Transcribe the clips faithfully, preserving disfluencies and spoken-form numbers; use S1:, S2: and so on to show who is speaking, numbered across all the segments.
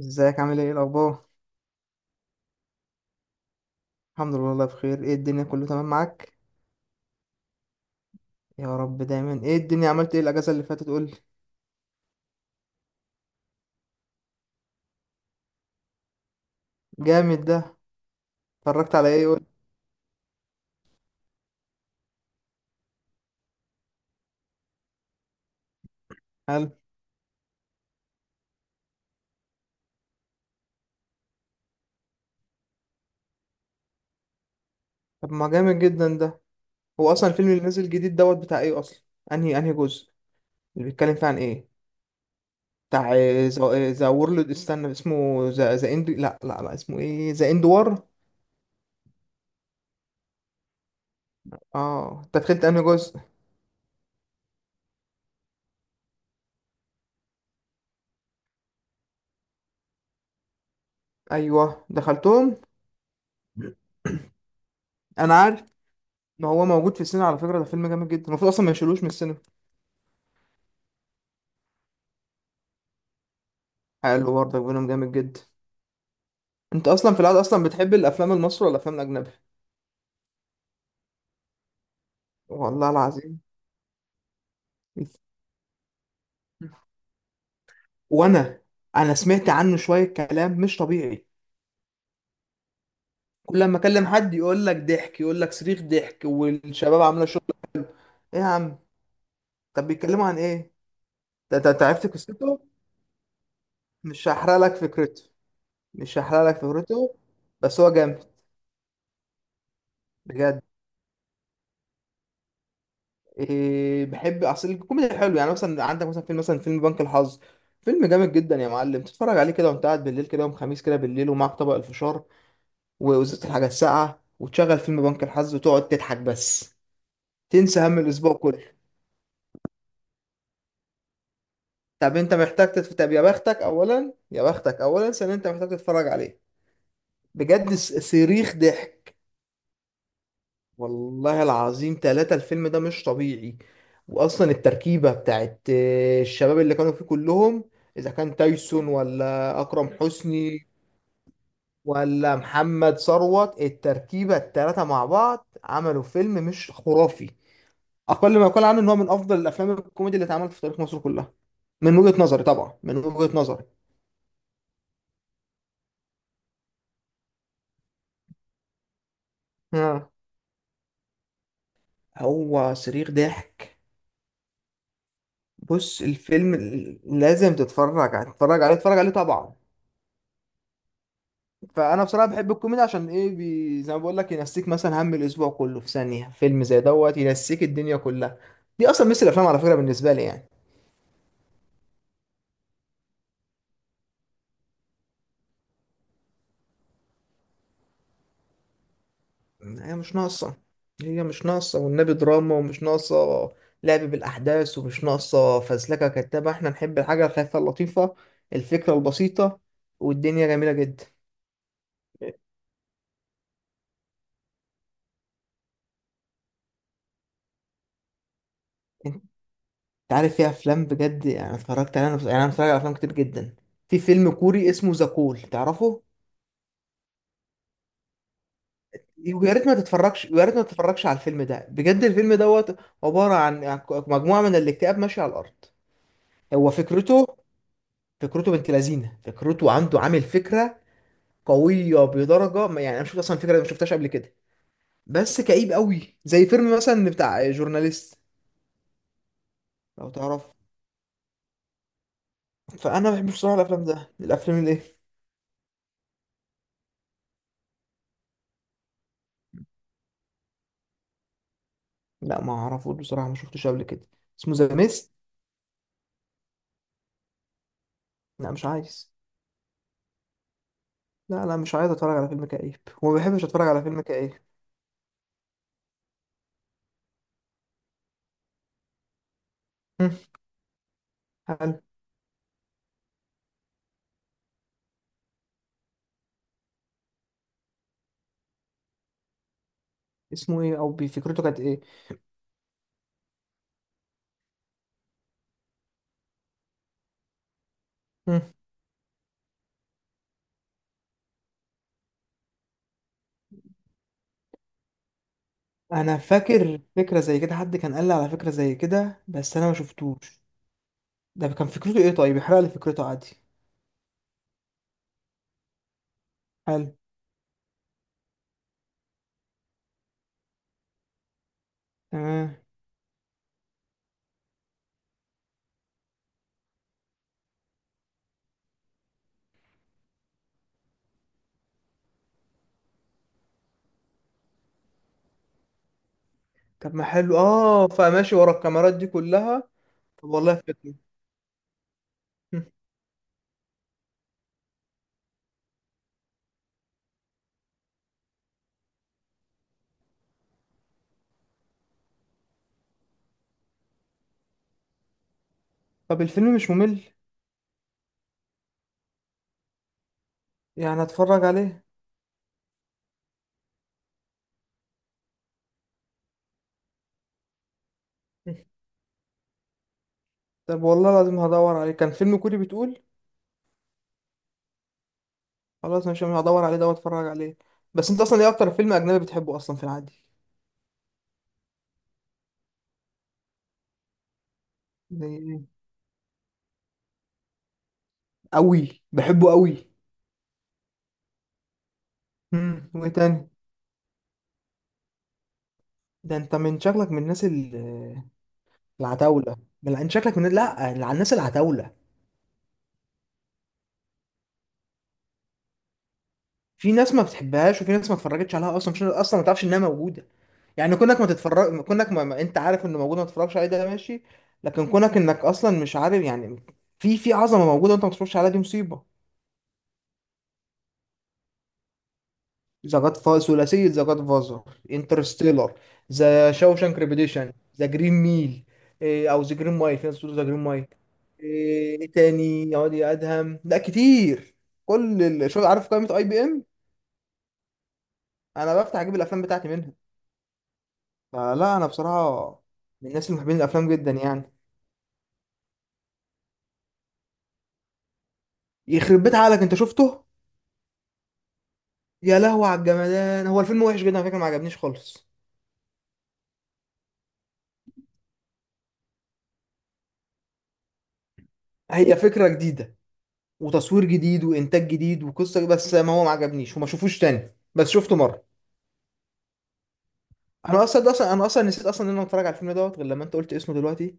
S1: ازيك؟ عامل ايه؟ إيه الاخبار؟ الحمد لله والله بخير. ايه الدنيا، كله تمام معاك؟ يا رب دايما. ايه الدنيا، عملت ايه الاجازه اللي فاتت؟ قول لي. جامد ده. اتفرجت على ايه؟ قول لي. قال. طب ما جامد جدا ده. هو اصلا الفيلم اللي نازل جديد دوت بتاع ايه اصلا؟ انهي انهي جزء؟ اللي بيتكلم فيه عن ايه؟ بتاع ذا وورلد، استنى اسمه ذا ذا اند، لا لا لا، اسمه ايه؟ ذا اند وار. اه، انت دخلت انهي جزء؟ ايوه، دخلتهم. انا عارف. ما هو موجود في السينما، على فكره ده فيلم جامد جدا، المفروض اصلا ما يشيلوش من السينما. حلو، برضه بينهم جامد جدا. انت اصلا في العادة اصلا بتحب الافلام المصري ولا الافلام الاجنبي؟ والله العظيم. وانا انا سمعت عنه شوية كلام مش طبيعي. كل لما اكلم حد يقول لك ضحك، يقول لك صريخ ضحك، والشباب عاملة شغل. ايه يا عم؟ طب بيتكلموا عن ايه؟ ده انت عرفت قصته؟ مش هحرق لك فكرته. مش هحرق لك فكرته، بس هو جامد بجد. إيه، بحب اصل الكوميدي حلو. يعني مثلا عندك مثلا فيلم مثلا فيلم بنك الحظ، فيلم جامد جدا يا معلم. تتفرج عليه كده وانت قاعد بالليل كده، يوم خميس كده بالليل، ومعاك طبق الفشار ووزت الحاجة الساقعة، وتشغل فيلم بنك الحظ وتقعد تضحك بس، تنسى هم الأسبوع كله. طب أنت محتاج تتف... طب يا بختك أولا، يا بختك أولا، ثانيا أنت محتاج تتفرج عليه بجد. س- صريخ ضحك. والله العظيم ثلاثة، الفيلم ده مش طبيعي. وأصلا التركيبة بتاعت آه، الشباب اللي كانوا فيه كلهم، إذا كان تايسون ولا أكرم حسني ولا محمد ثروت. التركيبة التلاتة مع بعض عملوا فيلم مش خرافي. اقل ما يقال عنه ان هو من افضل الافلام الكوميدي اللي اتعملت في تاريخ مصر كلها، من وجهة نظري طبعا، من وجهة نظري. اه، هو صريخ ضحك. بص، الفيلم لازم تتفرج عليه، تتفرج عليه، تتفرج عليه طبعا. فانا بصراحه بحب الكوميدي عشان ايه، بي... زي ما بقول لك ينسيك مثلا هم الاسبوع كله. في ثانيه فيلم زي دوت ينسيك الدنيا كلها. دي اصلا مثل الافلام على فكره بالنسبه لي يعني. هي مش ناقصة. هي مش ناقصة والنبي دراما ومش ناقصة لعب بالأحداث ومش ناقصة فزلكة كدابة. احنا نحب الحاجة الخفيفة اللطيفة، الفكرة البسيطة، والدنيا جميلة جدا. انت عارف، في أفلام بجد يعني اتفرجت عليها أنا- يعني أنا متفرج على أفلام كتير جدا. في فيلم كوري اسمه ذا كول، تعرفه؟ ويا ريت ما تتفرجش، ويا ريت ما تتفرجش على الفيلم ده بجد. الفيلم دوت عبارة عن عن مجموعة من الاكتئاب ماشية على الأرض. هو فكرته، فكرته بنت لذينه، فكرته عنده عامل فكرة قويه بدرجه ما- يعني انا شفت اصلا فكره ما شفتهاش قبل كده. بس كئيب قوي، زي فيلم مثلا بتاع جورناليست، لو تعرف. فانا ما بحبش بصراحه الافلام ده، الافلام اللي ايه. لا، ما اعرفوش بصراحه، ما شفتوش قبل كده. اسمه ذا ميست؟ لا، مش عايز. لا لا، مش عايز اتفرج على فيلم كئيب، وما بحبش اتفرج على فيلم كئيب. هم. هل اسمه ايه؟ او بي- فكرته كانت ايه؟ هم. انا فاكر فكره زي كده، حد كان قال لي على فكره زي كده، بس انا ما شفتوش. ده كان فكرته ايه؟ طيب يحرق لي فكرته عادي. هل. تمام. طب ما حلو، اه، فماشي ورا الكاميرات دي كلها. طب والله فكرة. مم. طب الفيلم مش ممل؟ يعني هتفرج عليه؟ مم. طب والله العظيم هدور عليه. كان فيلم كوري بتقول؟ خلاص ماشي، انا هدور عليه ده واتفرج عليه. بس انت اصلا ايه اكتر فيلم اجنبي بتحبه اصلا في العادي؟ زي ايه؟ قوي بحبه قوي. امم وايه تاني؟ ده انت من شكلك من الناس ال- العتاولة. من انت شكلك من لا الناس العتاولة. في ناس ما بتحبهاش، وفي ناس ما اتفرجتش عليها اصلا، مش اصلا ما تعرفش انها موجوده. يعني كونك ما تتفرج، كونك ما... ما... انت عارف انه موجود ما تتفرجش عليه، ده ماشي. لكن كونك انك اصلا مش عارف يعني، في في عظمه موجوده وانت ما تتفرجش عليها، دي مصيبه. ذا جاد فا... ثلاثيه ذا جاد فازر، انترستيلر، ذا شاوشانك ريبيديشن، ذا جرين ميل. إيه، او ذا جرين مايل، في ناس بتقول ذا جرين مايل. ايه إيه تاني يقعد ادهم؟ لا كتير. كل ال... شو عارف قائمه اي بي ام؟ انا بفتح اجيب الافلام بتاعتي منها. آه لا، انا بصراحه من الناس اللي محبين الافلام جدا يعني. يخرب بيت عقلك، انت شفته؟ يا لهوي على الجمدان. هو الفيلم وحش جدا على فكره، ما عجبنيش خالص. هي فكره جديده وتصوير جديد وانتاج جديد وقصه، بس ما هو ما عجبنيش، وما شوفوش تاني، بس شفته مره. انا اصلا ده اصلا انا اصلا نسيت اصلا ان انا اتفرج على الفيلم دوت غير لما انت قلت اسمه دلوقتي.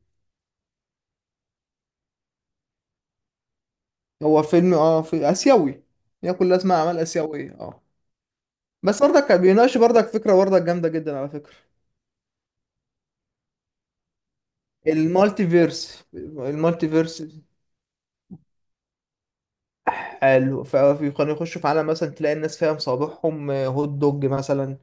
S1: هو فيلم اه في اسيوي. ياكل اسماء اعمال اسيويه، اه. بس برضك كان بيناقش برضك فكره برضك جامده جدا على فكره. المالتي فيرس المالتي فيرس. قالوا فكانوا يخشوا في عالم مثلا تلاقي الناس فيها مصابيحهم آه، هوت دوج مثلا.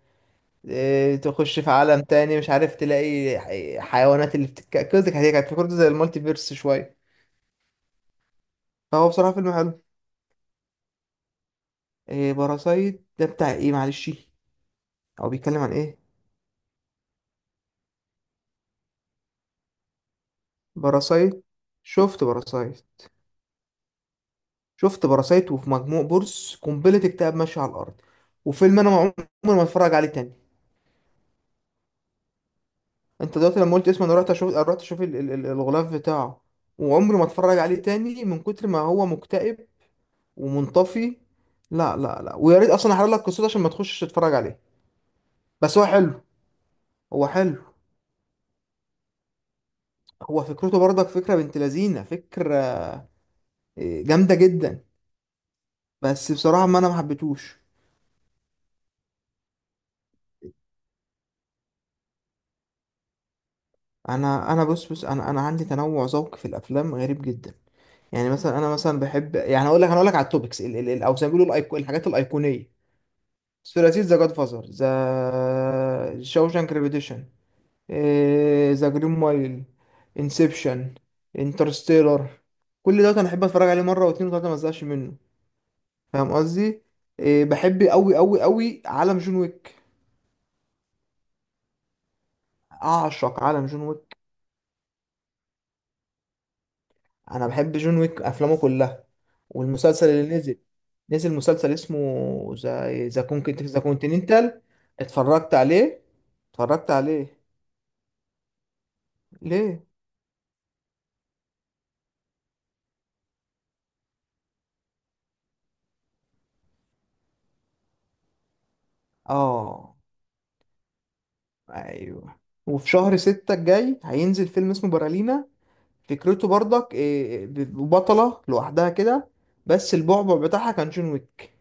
S1: آه، تخش في عالم تاني مش عارف تلاقي ح- حيوانات اللي بتتك كده. كانت كانت فكرته زي المالتي فيرس شوية. فهو بصراحة فيلم حلو. آه، باراسايت ده بتاع ايه؟ معلش. او بيتكلم عن ايه باراسايت؟ شفت باراسايت؟ شفت باراسايت وفي مجموع بورس قنبلة اكتئاب ماشية على الأرض. وفيلم أنا عمري ما اتفرج عليه تاني. انت دلوقتي لما قلت اسمه انا رحت اشوف، رحت اشوف ال- ال- ال- الغلاف بتاعه. وعمري ما اتفرج عليه تاني، من كتر ما هو مكتئب ومنطفي. لا لا لا، ويا ريت اصلا احرق لك قصته عشان ما تخشش تتفرج عليه. بس هو حلو. هو حلو. هو فكرته برضك فكره بنت لذينه، فكره اه، جامده جدا. بس بصراحه ما انا ما حبيتهوش. انا انا بص بص، انا انا عندي تنوع ذوق في الافلام غريب جدا. يعني مثلا انا مثلا بحب، يعني اقول لك، انا اقول لك على التوبكس، او زي ما بيقولوا الأيقو- الحاجات الايقونيه. ثلاثية ذا جاد فازر، ذا شاوشانك ريبيتيشن، ذا جرين مايل، انسبشن، انترستيلر. كل ده انا احب اتفرج عليه مره واتنين وتلاته ما ازهقش منه. فاهم قصدي؟ إيه بحب قوي قوي قوي عالم جون ويك. اعشق عالم جون ويك. انا بحب جون ويك افلامه كلها. والمسلسل اللي نزل، نزل مسلسل اسمه ذا ذا كونكت، ذا كونتيننتال. اتفرجت عليه؟ اتفرجت عليه ليه؟ اه ايوه. وفي شهر ستة الجاي هينزل فيلم اسمه برالينا. فكرته برضك إيه، بطلة لوحدها كده، بس البعبع بتاعها كان جون ويك.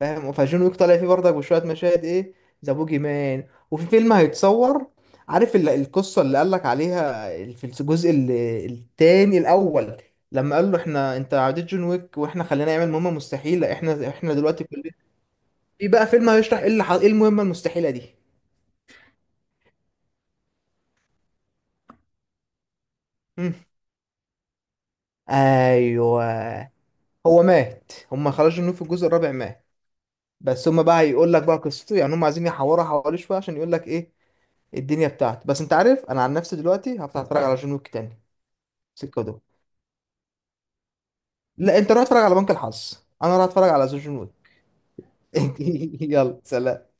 S1: فاهم؟ فجون ويك طالع فيه برضك بشوية مشاهد ايه، ذا بوجي مان. وفي فيلم هيتصور، عارف ال- القصة اللي قالك عليها في الجزء ال- التاني، الأول؟ لما قال له احنا انت عديت جون ويك، واحنا خلينا نعمل مهمة مستحيلة، احنا احنا دلوقتي كلنا. في بقى فيلم هيشرح ايه اللي ح- ايه المهمة المستحيلة دي. مم. ايوه. هو مات، هم خرجوا منه في الجزء الرابع، مات. بس هم بقى هيقول لك بقى قصته يعني، هم عايزين يحوروا حواليه شويه عشان يقول لك ايه الدنيا بتاعته. بس انت عارف انا عن نفسي دلوقتي هفتح اتفرج على جون ويك تاني. سكه دول. لا انت روح اتفرج على بنك الحظ، انا راح اتفرج على جون ويك. يلا سلام.